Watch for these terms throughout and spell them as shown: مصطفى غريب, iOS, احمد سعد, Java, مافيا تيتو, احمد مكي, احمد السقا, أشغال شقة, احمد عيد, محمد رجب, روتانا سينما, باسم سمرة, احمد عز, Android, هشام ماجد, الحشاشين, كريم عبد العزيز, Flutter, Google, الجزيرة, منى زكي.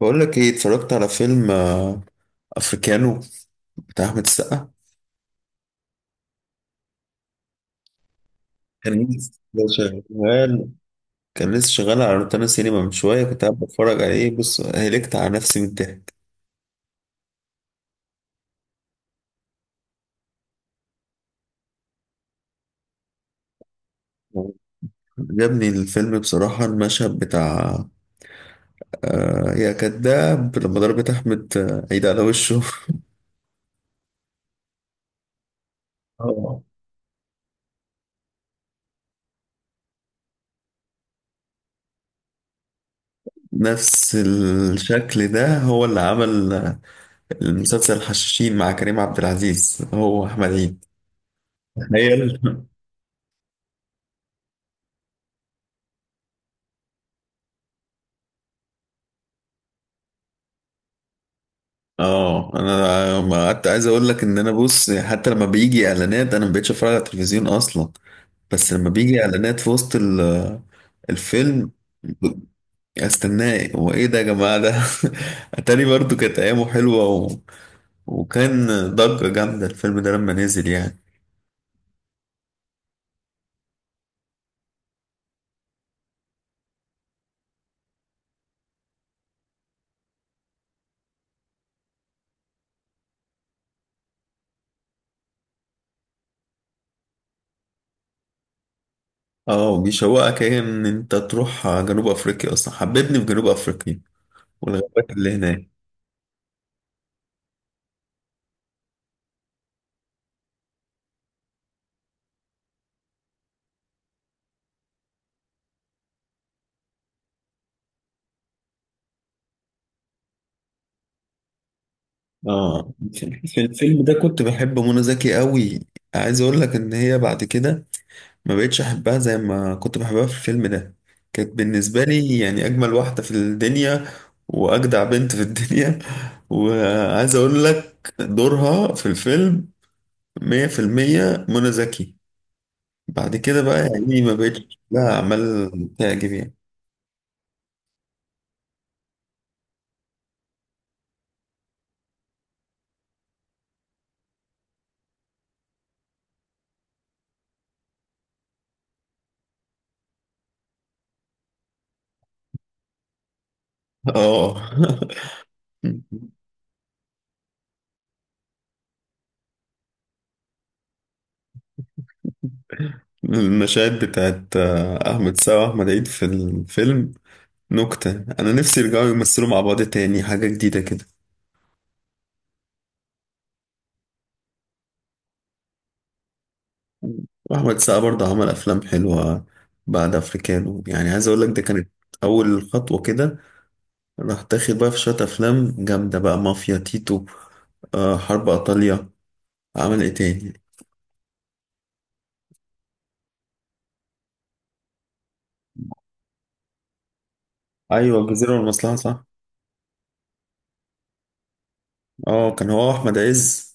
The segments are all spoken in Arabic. بقول لك ايه؟ اتفرجت على فيلم افريكانو بتاع احمد السقا. كان لسه شغال كان لسه شغال على روتانا سينما. من شويه كنت قاعد بتفرج عليه. بص، هلكت على نفسي من الضحك. عجبني الفيلم بصراحه. المشهد بتاع يا كذاب، لما ضربت احمد عيد على وشه. اه، نفس الشكل ده هو اللي عمل المسلسل الحشاشين مع كريم عبد العزيز، هو احمد عيد. تخيل. اه، انا ما قعدت. عايز اقول لك ان انا، بص، حتى لما بيجي اعلانات انا ما بقتش اتفرج على التلفزيون اصلا، بس لما بيجي اعلانات في وسط الفيلم استناه. هو ايه ده يا جماعه ده؟ اتاري برضو كانت ايامه حلوه وكان ضجه جامده الفيلم ده لما نزل يعني. اه، وبيشوقك ايه ان انت تروح جنوب افريقيا. اصلا حببني في جنوب افريقيا والغابات اللي هناك. اه، في الفيلم ده كنت بحب منى زكي قوي. عايز اقول لك ان هي بعد كده ما بقتش احبها زي ما كنت بحبها في الفيلم ده. كانت بالنسبة لي يعني اجمل واحدة في الدنيا واجدع بنت في الدنيا. وعايز اقول لك دورها في الفيلم 100% منى زكي. بعد كده بقى يعني ما بقتش لها اعمال تعجب يعني. اه. المشاهد بتاعت احمد سعد واحمد عيد في الفيلم نكتة. انا نفسي يرجعوا يمثلوا مع بعض تاني حاجة جديدة كده. واحمد السقا برضه عمل افلام حلوه بعد افريكانو. يعني عايز اقول لك ده كانت اول خطوه كده. راح تاخد بقى في شويه افلام جامده بقى، مافيا تيتو، حرب ايطاليا. عمل ايه تاني؟ ايوه، الجزيره والمصلحه، صح. اه، كان هو احمد عز.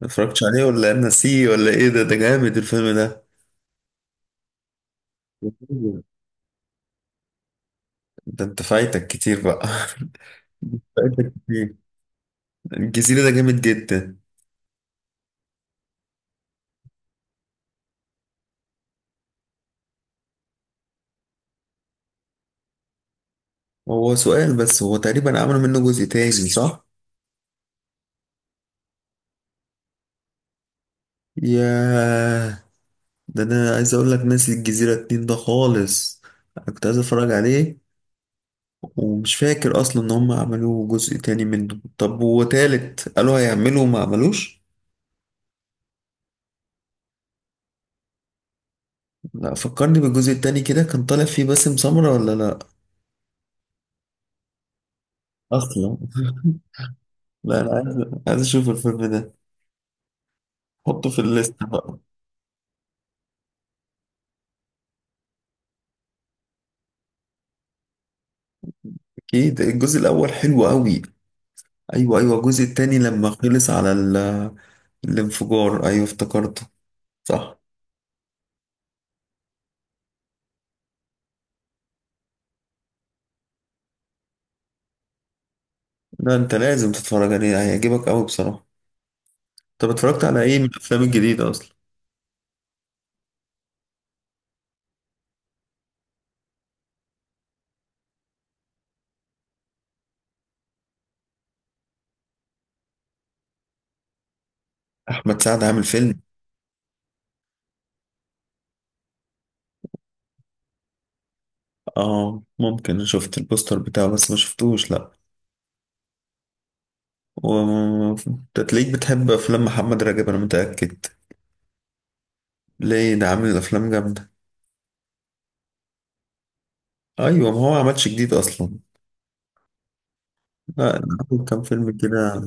ما اتفرجتش عليه ولا انا ناسيه ولا ايه؟ ده جامد الفيلم ده. ده انت فايتك كتير بقى. فايتك كتير. الجزيره ده جامد جدا. هو سؤال بس، هو تقريبا عملوا منه جزء تاني، صح؟ ياه، ده انا عايز اقول لك ناسي الجزيرة اتنين ده خالص. أنا كنت عايز اتفرج عليه، ومش فاكر اصلا ان هم عملوا جزء تاني منه. طب، وتالت قالوا هيعملوا وما عملوش. لا، فكرني بالجزء التاني كده. كان طالع فيه باسم سمرة ولا لا اصلا؟ لا، انا عايز اشوف الفيلم ده. حطه في الليست بقى. اكيد الجزء الاول حلو قوي. ايوه، ايوه، الجزء التاني لما خلص على الانفجار. ايوه افتكرته، صح. لا، انت لازم تتفرج عليه، هيعجبك قوي بصراحة. طب اتفرجت على ايه من الافلام الجديده اصلا؟ احمد سعد عامل فيلم. اه ممكن، أنا شفت البوستر بتاعه بس ما شفتوش، لا. و... انت تلاقيك بتحب افلام محمد رجب، انا متاكد. ليه؟ ده عامل افلام جامده. ايوه، ما هو ما عملش جديد اصلا. لا، أنا. عامل كام فيلم كده؟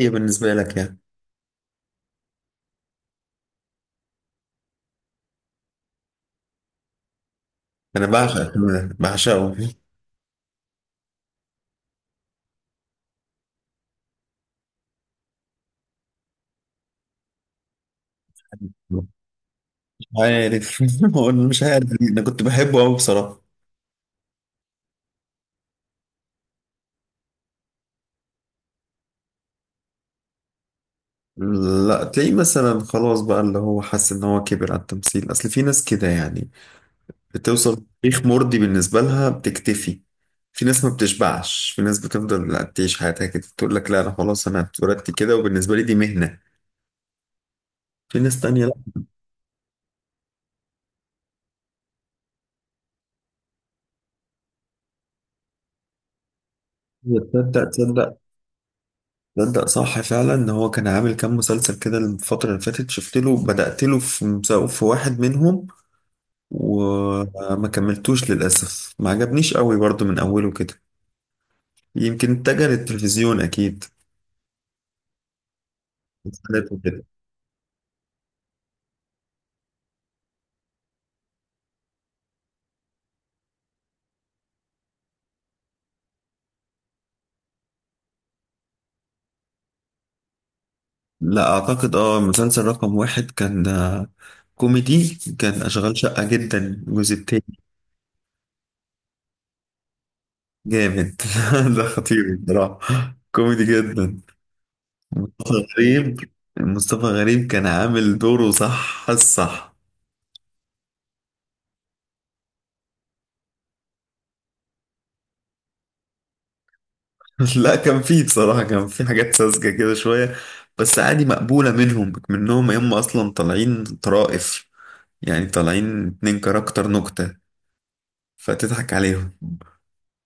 ايه بالنسبه لك يعني؟ انا بعشق الفيلم ده بعشقه، مش عارف. هو أنا مش عارف ليه. انا كنت بحبه قوي بصراحه. لا، تلاقيه مثلا خلاص بقى اللي هو حس ان هو كبر على التمثيل. اصل في ناس كده يعني، بتوصل تاريخ مرضي بالنسبة لها بتكتفي. في ناس ما بتشبعش، في ناس بتفضل لا تعيش حياتها كده تقول لك لا أنا خلاص، أنا اتولدت كده وبالنسبة لي دي مهنة. في ناس تانية. لا، تصدق، تصدق، تصدق، صح فعلا إن هو كان عامل كام مسلسل كده الفترة اللي فاتت. شفت له، بدأت له في في واحد منهم، وما كملتوش للأسف. ما عجبنيش قوي برضو من أوله كده. يمكن اتجه للتلفزيون أكيد. لا اعتقد، اه، مسلسل رقم واحد كان كوميدي. كان اشغال شقة جدا الجزء التاني. جامد. ده خطير بصراحة، كوميدي جدا. مصطفى غريب مصطفى غريب كان عامل دوره، صح الصح. لا، كان فيه بصراحة، كان فيه حاجات ساذجة كده شوية، بس عادي مقبولة منهم. هم اصلا طالعين طرائف يعني، طالعين اتنين كاركتر نكتة، فتضحك عليهم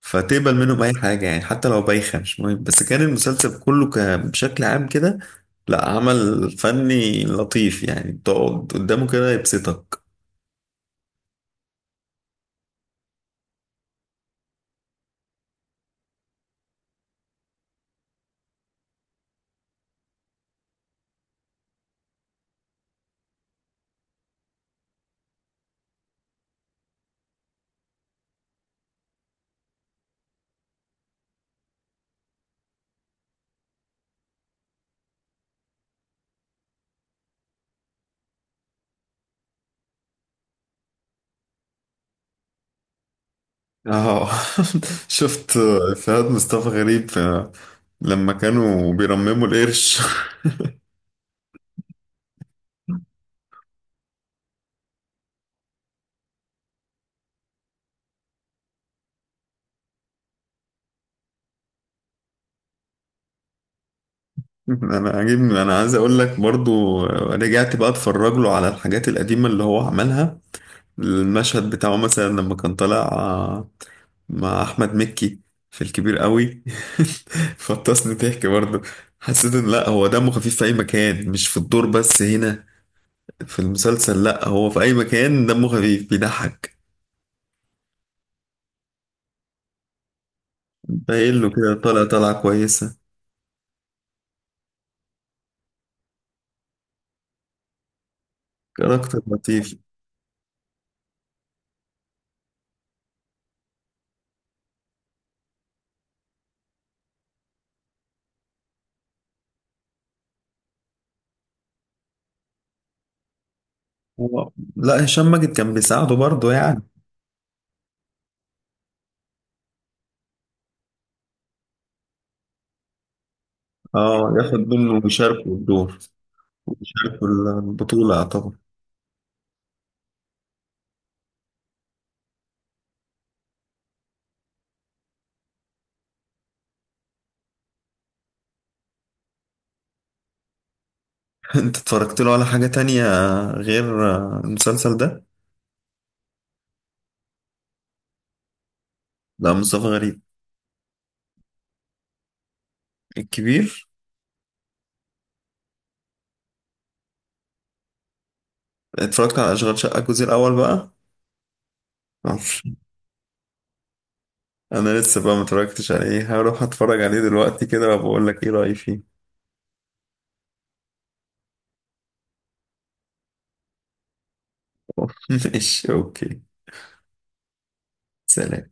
فتقبل منهم اي حاجه يعني، حتى لو بايخه مش مهم. بس كان المسلسل كله بشكل عام كده لا، عمل فني لطيف يعني، تقعد قدامه كده يبسطك. اه. شفت افيهات مصطفى غريب لما كانوا بيرمموا القرش. انا عاجبني، انا عايز اقول لك برضو رجعت بقى اتفرج له على الحاجات القديمه اللي هو عملها. المشهد بتاعه مثلا لما كان طالع مع احمد مكي في الكبير قوي. فطسني ضحك برضه. حسيت ان لا، هو دمه خفيف في اي مكان، مش في الدور بس. هنا في المسلسل، لا، هو في اي مكان دمه خفيف بيضحك. قايل له كده، طالع، طالعه كويسه. كاركتر لطيف. هو، لا، هشام ماجد كان بيساعده برضه يعني. اه، ياخد منه ويشاركه الدور. يشاركه البطولة طبعا. انت اتفرجت له على حاجة تانية غير المسلسل ده؟ لا، مصطفى غريب، الكبير. اتفرجت على أشغال شقة الجزء الأول بقى؟ معرفش. أنا لسه بقى متفرجتش عليه، هروح أتفرج عليه دلوقتي كده وبقول لك إيه رأيي فيه. ماشي، أوكي. سلام.